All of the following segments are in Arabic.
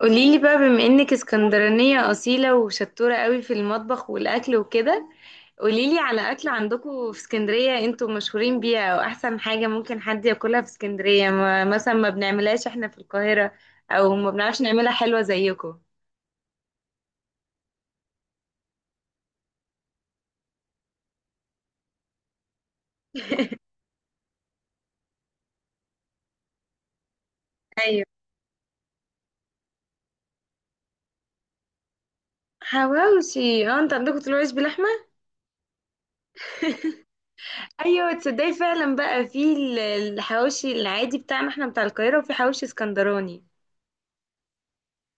قوليلي بقى بما انك اسكندرانية أصيلة وشطورة قوي في المطبخ والأكل وكده. قوليلي على أكل عندكم في اسكندرية انتوا مشهورين بيها أو أحسن حاجة ممكن حد ياكلها في اسكندرية ما مثلا ما بنعملهاش احنا في القاهرة أو ما بنعرفش نعملها حلوة زيكم. أيوه. حواوشي، اه انت عندكم طلوع عيش بلحمة. ايوه، تصدقي فعلا بقى في الحواوشي العادي بتاعنا احنا بتاع القاهرة وفي حواوشي اسكندراني.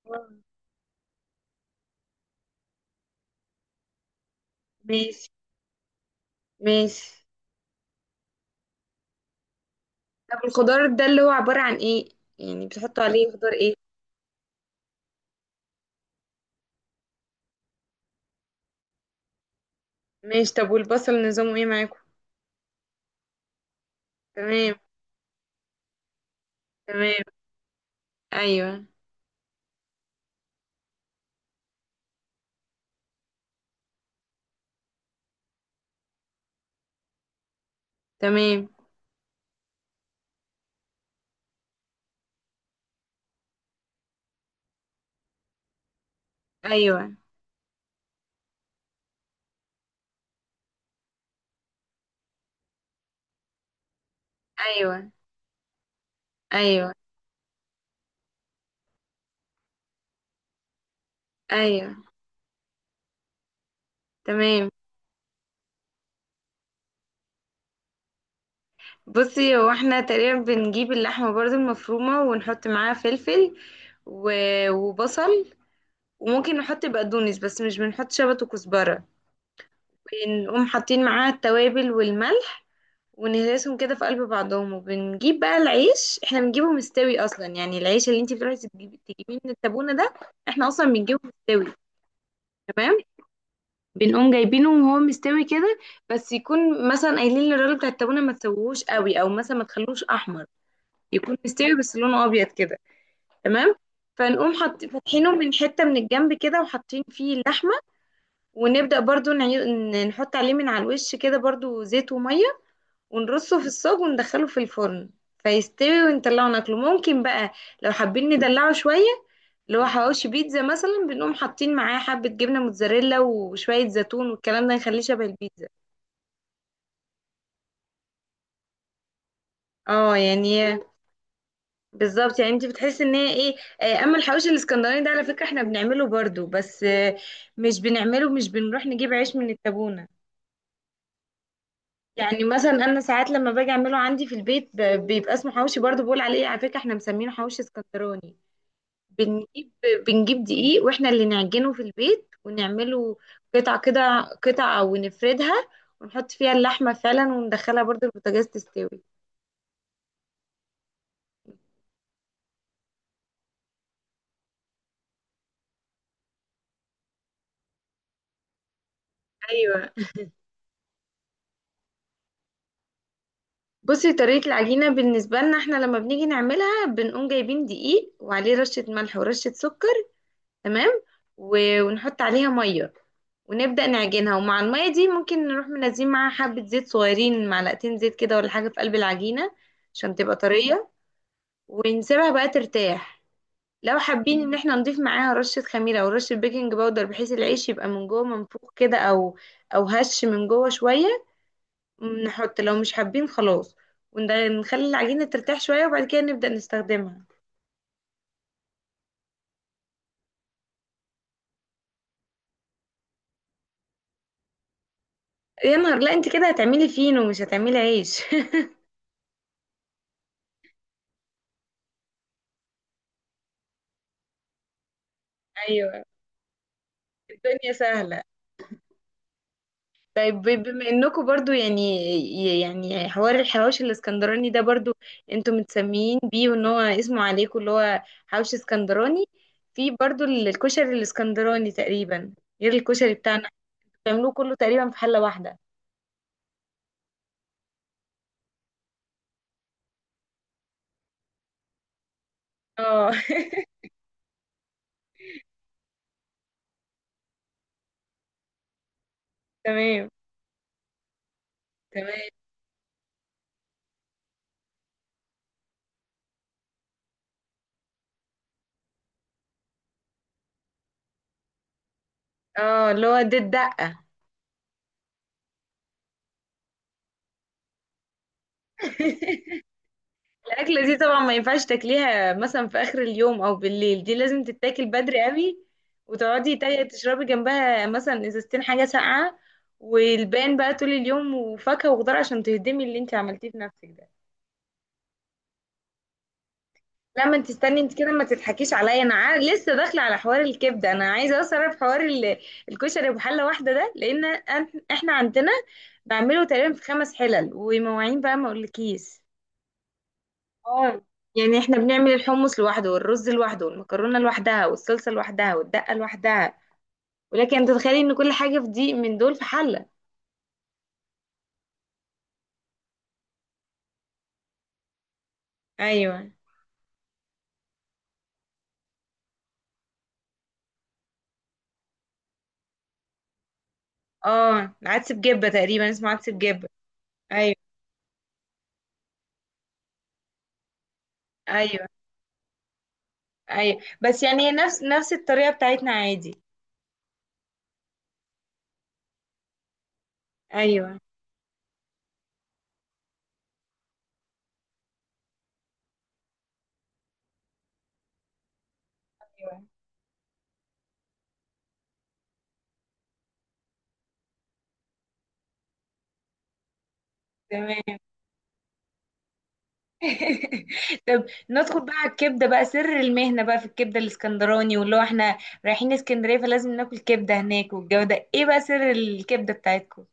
واو. ماشي، ماشي. طب الخضار ده اللي هو عبارة عن ايه؟ يعني بتحطوا عليه خضار ايه؟ ماشي، طب والبصل نظامه ايه معاكم؟ تمام. تمام. ايوه. تمام. ايوه. ايوه. ايوه. ايوه. تمام. بصي، هو احنا تقريبا بنجيب اللحمة برضو المفرومة ونحط معاها فلفل و... وبصل، وممكن نحط بقدونس بس مش بنحط شبت وكزبرة، ونقوم حاطين معاها التوابل والملح، ونهرسهم كده في قلب بعضهم. وبنجيب بقى العيش، احنا بنجيبه مستوي اصلا، يعني العيش اللي انتي بتروحي تجيبيه من التابونة ده احنا اصلا بنجيبه مستوي. تمام. بنقوم جايبينه وهو مستوي كده، بس يكون مثلا قايلين للراجل بتاع التابونة ما تسويهوش قوي، او مثلا ما تخلوش احمر، يكون مستوي بس لونه ابيض كده. تمام. فنقوم حط فاتحينه من حتة من الجنب كده وحاطين فيه اللحمة، ونبدأ برضو نحط عليه من على الوش كده برضو زيت ومية، ونرصه في الصاج وندخله في الفرن، فيستوي ونطلعه ناكله. ممكن بقى لو حابين ندلعه شوية، اللي هو حواوشي بيتزا مثلا، بنقوم حاطين معاه حبة جبنة موتزاريلا وشوية زيتون والكلام ده، نخليه شبه البيتزا. اه، يعني بالظبط. يعني انت بتحسي ان هي ايه. آه، اما الحواوشي الاسكندراني ده، على فكرة احنا بنعمله برضو، بس آه، مش بنعمله، مش بنروح نجيب عيش من التابونة. يعني مثلا انا ساعات لما باجي اعمله عندي في البيت بيبقى اسمه حواوشي برضو، بقول عليه على فكرة احنا مسمينه حواوشي اسكندراني. بنجيب بنجيب دقيق واحنا اللي نعجنه في البيت ونعمله قطع كده، قطع ونفردها ونحط فيها اللحمة فعلا، وندخلها برضو البوتاجاز تستوي. ايوه، بصي طريقة العجينة بالنسبة لنا احنا لما بنيجي نعملها، بنقوم جايبين دقيق وعليه رشة ملح ورشة سكر. تمام. و- ونحط عليها مية ونبدأ نعجنها، ومع المية دي ممكن نروح منزلين معاها حبة زيت صغيرين، معلقتين زيت كده ولا حاجة في قلب العجينة عشان تبقى طرية، ونسيبها بقى ترتاح. لو حابين ان احنا نضيف معاها رشة خميرة او رشة بيكنج باودر بحيث العيش يبقى من جوه منفوخ كده، او او هش من جوه شوية، نحط. لو مش حابين خلاص ونخلي العجينة ترتاح شوية وبعد كده نبدأ نستخدمها. يا نهار، لا انت كده هتعملي فينو مش هتعملي عيش. ايوه. الدنيا سهلة. طيب بما انكم برضو يعني، يعني حوار الحواوشي الاسكندراني ده برضو انتم متسميين بيه وان هو اسمه عليكم اللي هو حواوشي اسكندراني، في برضو الكشري الاسكندراني تقريبا، غير الكشري بتاعنا إحنا، بيعملوه كله تقريبا في حلة واحدة. اه. تمام. تمام. اه اللي هو دي الدقة. الأكلة دي طبعا ما ينفعش تاكليها مثلا في آخر اليوم أو بالليل، دي لازم تتاكل بدري قوي، وتقعدي تشربي جنبها مثلا إزازتين حاجة ساقعة، والباقي بقى طول اليوم وفاكهة وخضار عشان تهدمي اللي انت عملتيه في نفسك ده. لا، ما انت استني، انت كده ما تضحكيش عليا انا لسه داخله على حوار الكبده، انا عايزه اوصل في حوار الكشري بحله واحده ده، لان احنا عندنا بعمله تقريبا في 5 حلل ومواعين بقى ما اقولكيش. اه. يعني احنا بنعمل الحمص لوحده والرز لوحده والمكرونه لوحدها والصلصه لوحدها والدقه لوحدها، ولكن انت تتخيلي ان كل حاجه في دي من دول في حله. ايوه. اه، عدس بجبه تقريبا اسمه عدس بجبه. ايوه. ايوه. ايوه بس يعني هي نفس الطريقه بتاعتنا عادي. ايوه. ايوه. تمام. طب ندخل بقى على الكبده، بقى سر المهنه بقى في الكبده الاسكندراني، واللي هو احنا رايحين اسكندريه فلازم ناكل كبده هناك والجو ده، ايه بقى سر الكبده بتاعتكم؟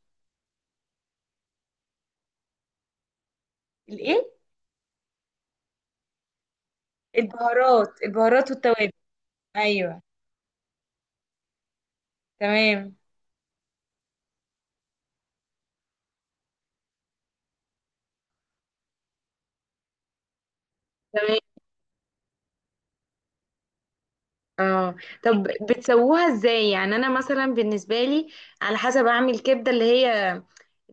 الايه؟ البهارات، البهارات والتوابل. ايوه. تمام. تمام. اه. طب بتسووها ازاي؟ يعني انا مثلا بالنسبه لي على حسب اعمل كبده، اللي هي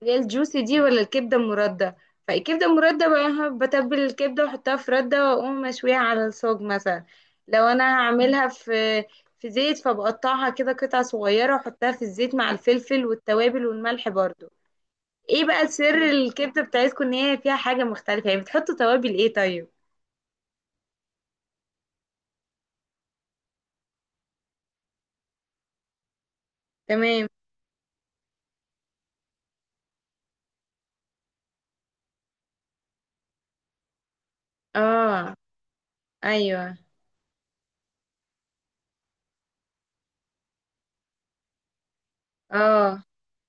اللي هي الجوسي دي ولا الكبده المرده. فالكبده المرده بقى بتبل الكبده واحطها في رده واقوم مشويها على الصاج مثلا، لو انا هعملها في في زيت فبقطعها كده قطع صغيره واحطها في الزيت مع الفلفل والتوابل والملح برضو. ايه بقى سر الكبده بتاعتكم ان هي فيها حاجه مختلفه؟ يعني بتحطوا توابل ايه طيب؟ تمام. اه. ايوه. اه.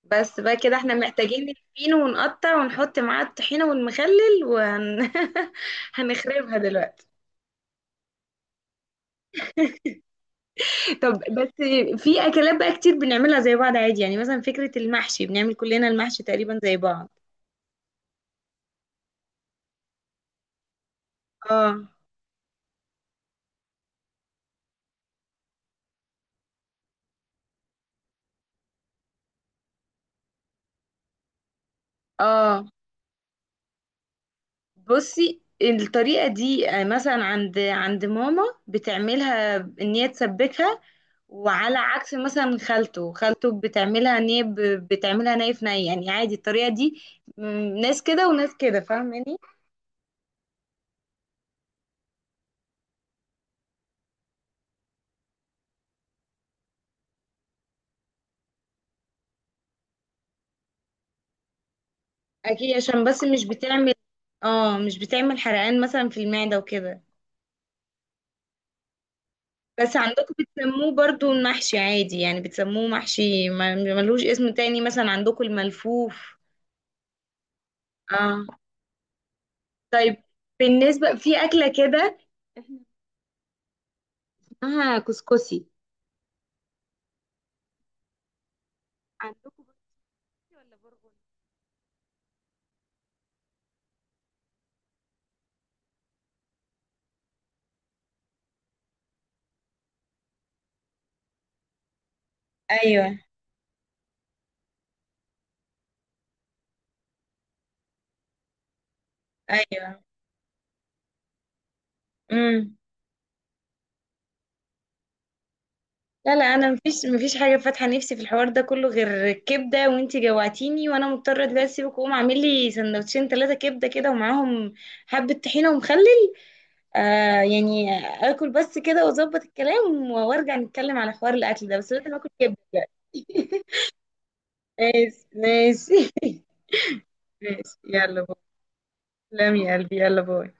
بس بقى كده احنا محتاجين الفينو ونقطع ونحط معاه الطحينة والمخلل هنخربها دلوقتي. طب بس في اكلات بقى كتير بنعملها زي بعض عادي، يعني مثلا فكرة المحشي، بنعمل كلنا المحشي تقريبا زي بعض. اه. اه بصي الطريقة دي آه، مثلا عند ماما بتعملها ان هي تسبكها، وعلى عكس مثلا خالته بتعملها ان هي بتعملها ني في ني، يعني عادي الطريقه دي. م- ناس كده وناس كده، فاهماني؟ اكيد عشان بس مش بتعمل، اه مش بتعمل حرقان مثلا في المعده وكده. بس عندكم بتسموه برضو المحشي عادي؟ يعني بتسموه محشي ملوش اسم تاني مثلا عندكم الملفوف؟ اه. طيب، بالنسبه في اكله كده احنا اسمها كسكسي، عندكم بسكوتي ولا برغل؟ ايوه. ايوه. امم. لا، لا، انا مفيش حاجه فاتحه نفسي في الحوار ده كله غير الكبده، وانتي جوعتيني وانا مضطره دلوقتي اسيبك واقوم اعمل لي سندوتشين 3 كبده كده، ومعاهم حبه طحينه ومخلل. آه يعني، اكل بس كده واظبط الكلام وارجع نتكلم على حوار الاكل ده، بس لازم اكل كبده دلوقتي. ماشي، ماشي. ماشي يلا، باي. سلام يا قلبي، يلا باي.